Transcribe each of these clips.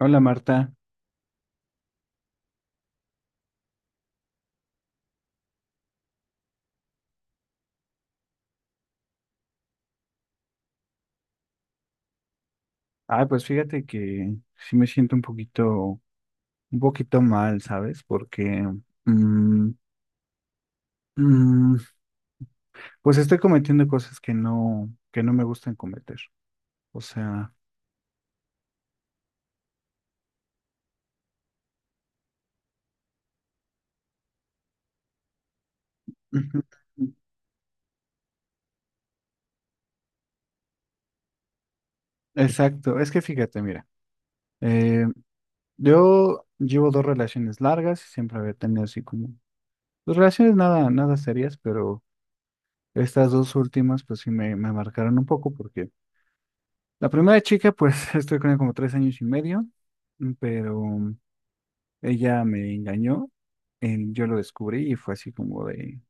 Hola Marta. Ah, pues fíjate que sí me siento un poquito mal, ¿sabes? Porque mm, mm, pues estoy cometiendo cosas que no me gustan cometer. O sea. Ujú. Exacto. Es que fíjate, mira, eh, yo llevo dos relaciones largas y siempre había tenido así como dos relaciones nada, nada serias, pero estas dos últimas pues sí me marcaron un poco porque la primera chica pues estoy con ella como 3 años y medio, pero ella me engañó. Yo lo descubrí y fue así como de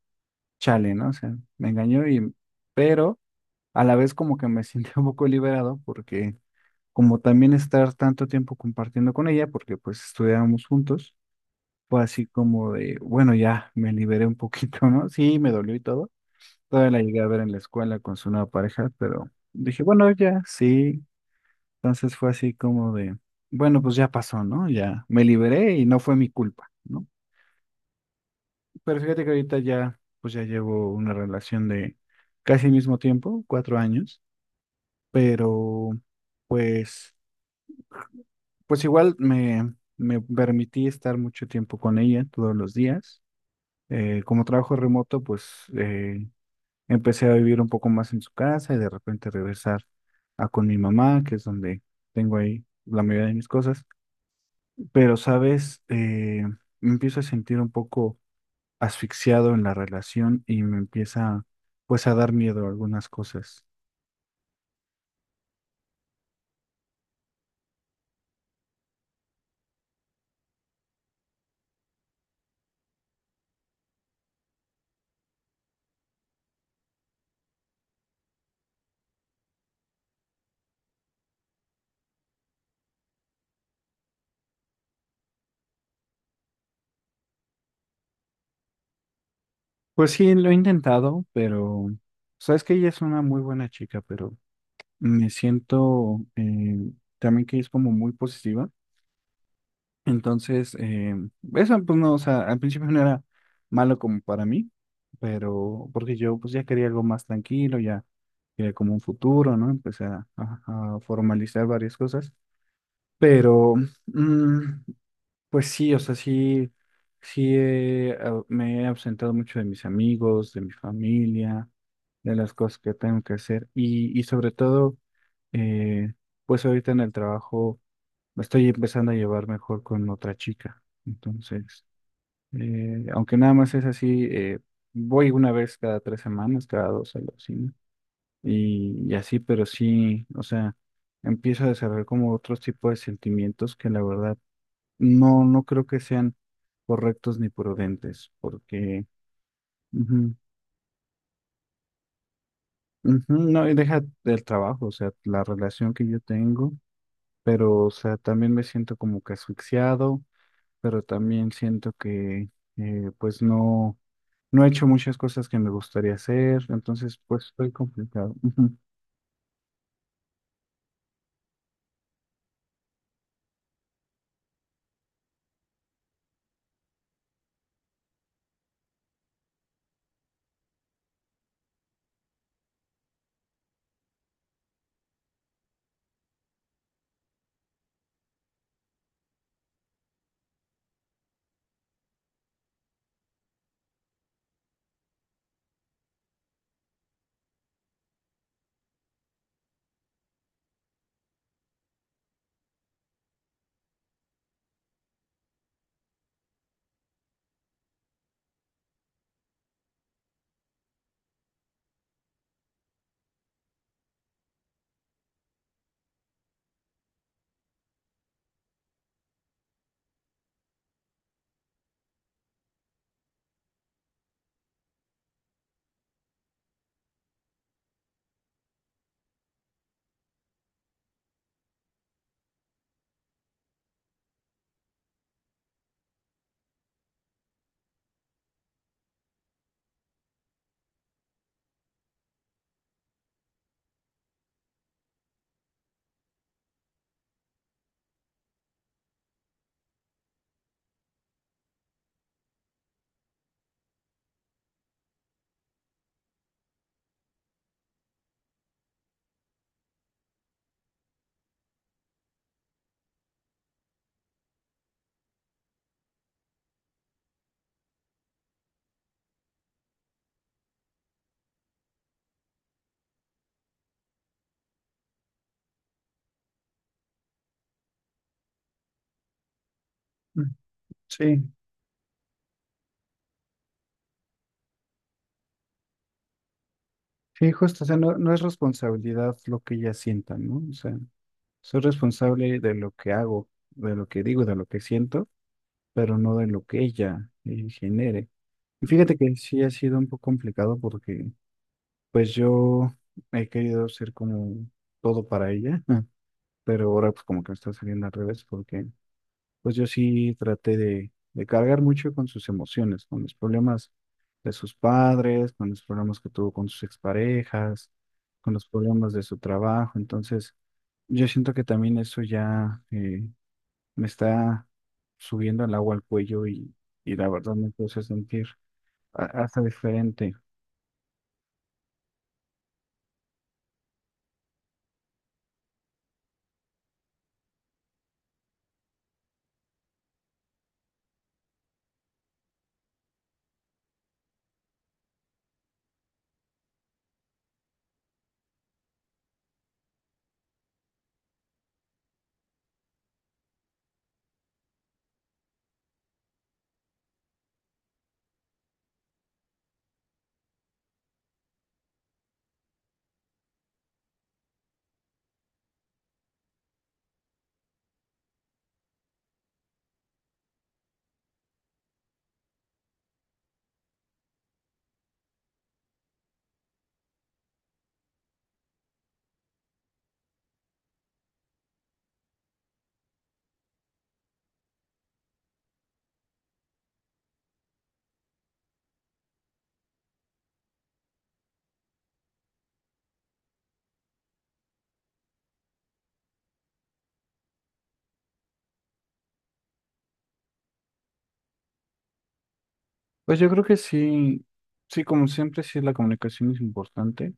chale, ¿no? O sea, me engañó y, pero a la vez como que me sentí un poco liberado porque como también estar tanto tiempo compartiendo con ella, porque pues estudiábamos juntos, fue así como de, bueno, ya me liberé un poquito, ¿no? Sí, me dolió y todo. Todavía la llegué a ver en la escuela con su nueva pareja, pero dije, bueno, ya, sí. Entonces fue así como de, bueno, pues ya pasó, ¿no? Ya me liberé y no fue mi culpa, ¿no? Pero fíjate que ahorita ya, pues ya llevo una relación de casi el mismo tiempo, 4 años, pero pues, pues igual me permití estar mucho tiempo con ella todos los días. Como trabajo remoto, pues eh, empecé a vivir un poco más en su casa y de repente regresar a con mi mamá, que es donde tengo ahí la mayoría de mis cosas. Pero, sabes, me empiezo a sentir un poco asfixiado en la relación y me empieza pues a dar miedo a algunas cosas. Pues sí, lo he intentado, pero sabes que ella es una muy buena chica, pero me siento también que es como muy positiva. Entonces, eso pues no, o sea, al principio no era malo como para mí, pero porque yo pues ya quería algo más tranquilo, ya quería como un futuro, ¿no? Empecé a formalizar varias cosas, pero mm, pues sí, o sea, sí, sí, me he ausentado mucho de mis amigos, de mi familia, de las cosas que tengo que hacer y sobre todo, eh, pues ahorita en el trabajo me estoy empezando a llevar mejor con otra chica. Entonces, aunque nada más es así, voy una vez cada 3 semanas, cada dos a la oficina y así, pero sí, o sea, empiezo a desarrollar como otros tipos de sentimientos que la verdad no, no creo que sean correctos ni prudentes, porque ujú, ujú, no, y deja del trabajo, o sea, la relación que yo tengo, pero, o sea, también me siento como que asfixiado, pero también siento que, pues, no, no he hecho muchas cosas que me gustaría hacer, entonces, pues, estoy complicado. Ujú. Mm. Sí, sí, justo, o sea, no, no es responsabilidad lo que ellas sientan, ¿no? O sea, soy responsable de lo que hago, de lo que digo, de lo que siento. Pero no de lo que ella genere. Y fíjate que sí ha sido un poco complicado porque pues yo he querido ser como todo para ella, pero ahora pues como que me está saliendo al revés porque pues yo sí traté de cargar mucho con sus emociones, con los problemas de sus padres, con los problemas que tuvo con sus exparejas, con los problemas de su trabajo. Entonces yo siento que también eso ya, me está subiendo el agua al cuello y la verdad me puse a sentir hasta diferente. Pues yo creo que sí, sí, como siempre, sí la comunicación es importante,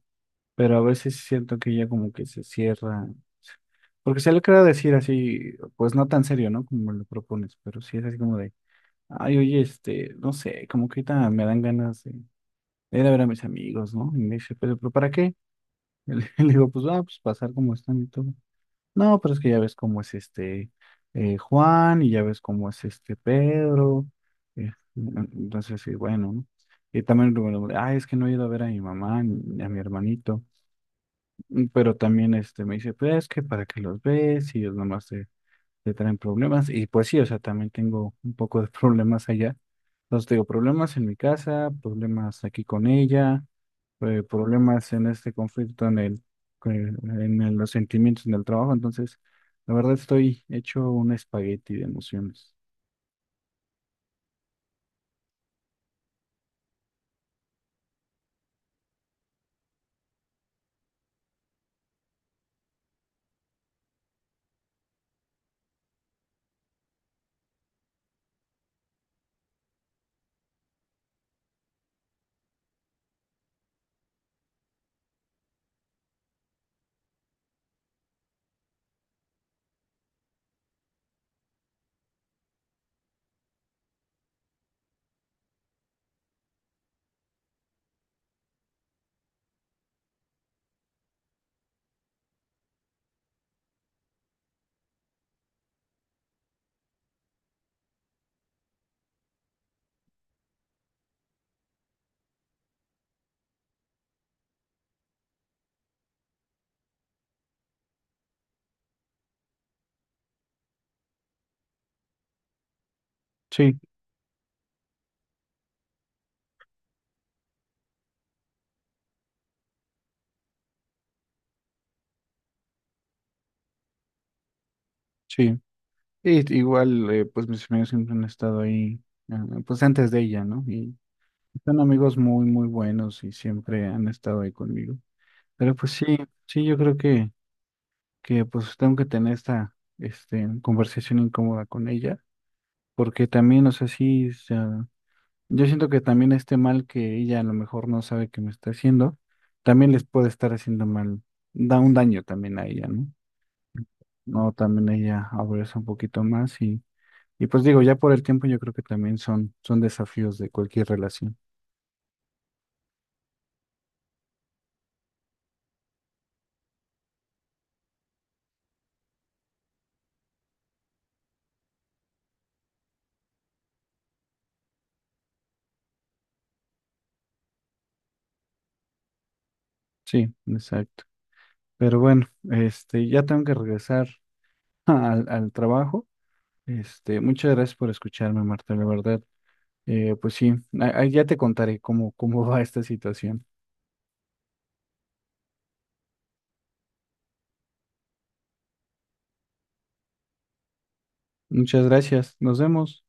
pero a veces siento que ella como que se cierra, porque se le queda decir así, pues no tan serio, ¿no? Como lo propones, pero sí es así como de, ay, oye, este, no sé, como que ahorita me dan ganas de ir a ver a mis amigos, ¿no? Y me dice, pero ¿para qué? Y le digo, pues, ah, pues pasar como están y todo. No, pero es que ya ves cómo es este Juan y ya ves cómo es este Pedro. eh, entonces, sí, bueno, ¿no? Y también, bueno, ah, es que no he ido a ver a mi mamá ni a mi hermanito. Pero también este, me dice, pues es que para que los ves y ellos nomás te traen problemas. Y pues sí, o sea, también tengo un poco de problemas allá. Entonces, tengo problemas en mi casa, problemas aquí con ella problemas en este conflicto en el, con- en el- los sentimientos en el trabajo. Entonces, la verdad estoy hecho un espagueti de emociones. Sí, sí. Y igual, pues mis amigos siempre han estado ahí, eh, pues antes de ella, ¿no? Y son amigos muy, muy buenos y siempre han estado ahí conmigo. Pero pues sí, sí, yo creo que pues tengo que tener esta, este, conversación incómoda con ella, porque también, o sea, sí, yo siento que también este mal que ella a lo mejor no sabe que me está haciendo, también les puede estar haciendo mal, da un daño también a ella, ¿no? No, también ella abraza un poquito más y pues digo, ya por el tiempo yo creo que también son desafíos de cualquier relación. Sí, exacto. Pero bueno, este, ya tengo que regresar al trabajo. Este, muchas gracias por escucharme, Marta, la verdad. Pues sí, ya te contaré cómo va esta situación. Muchas gracias, nos vemos.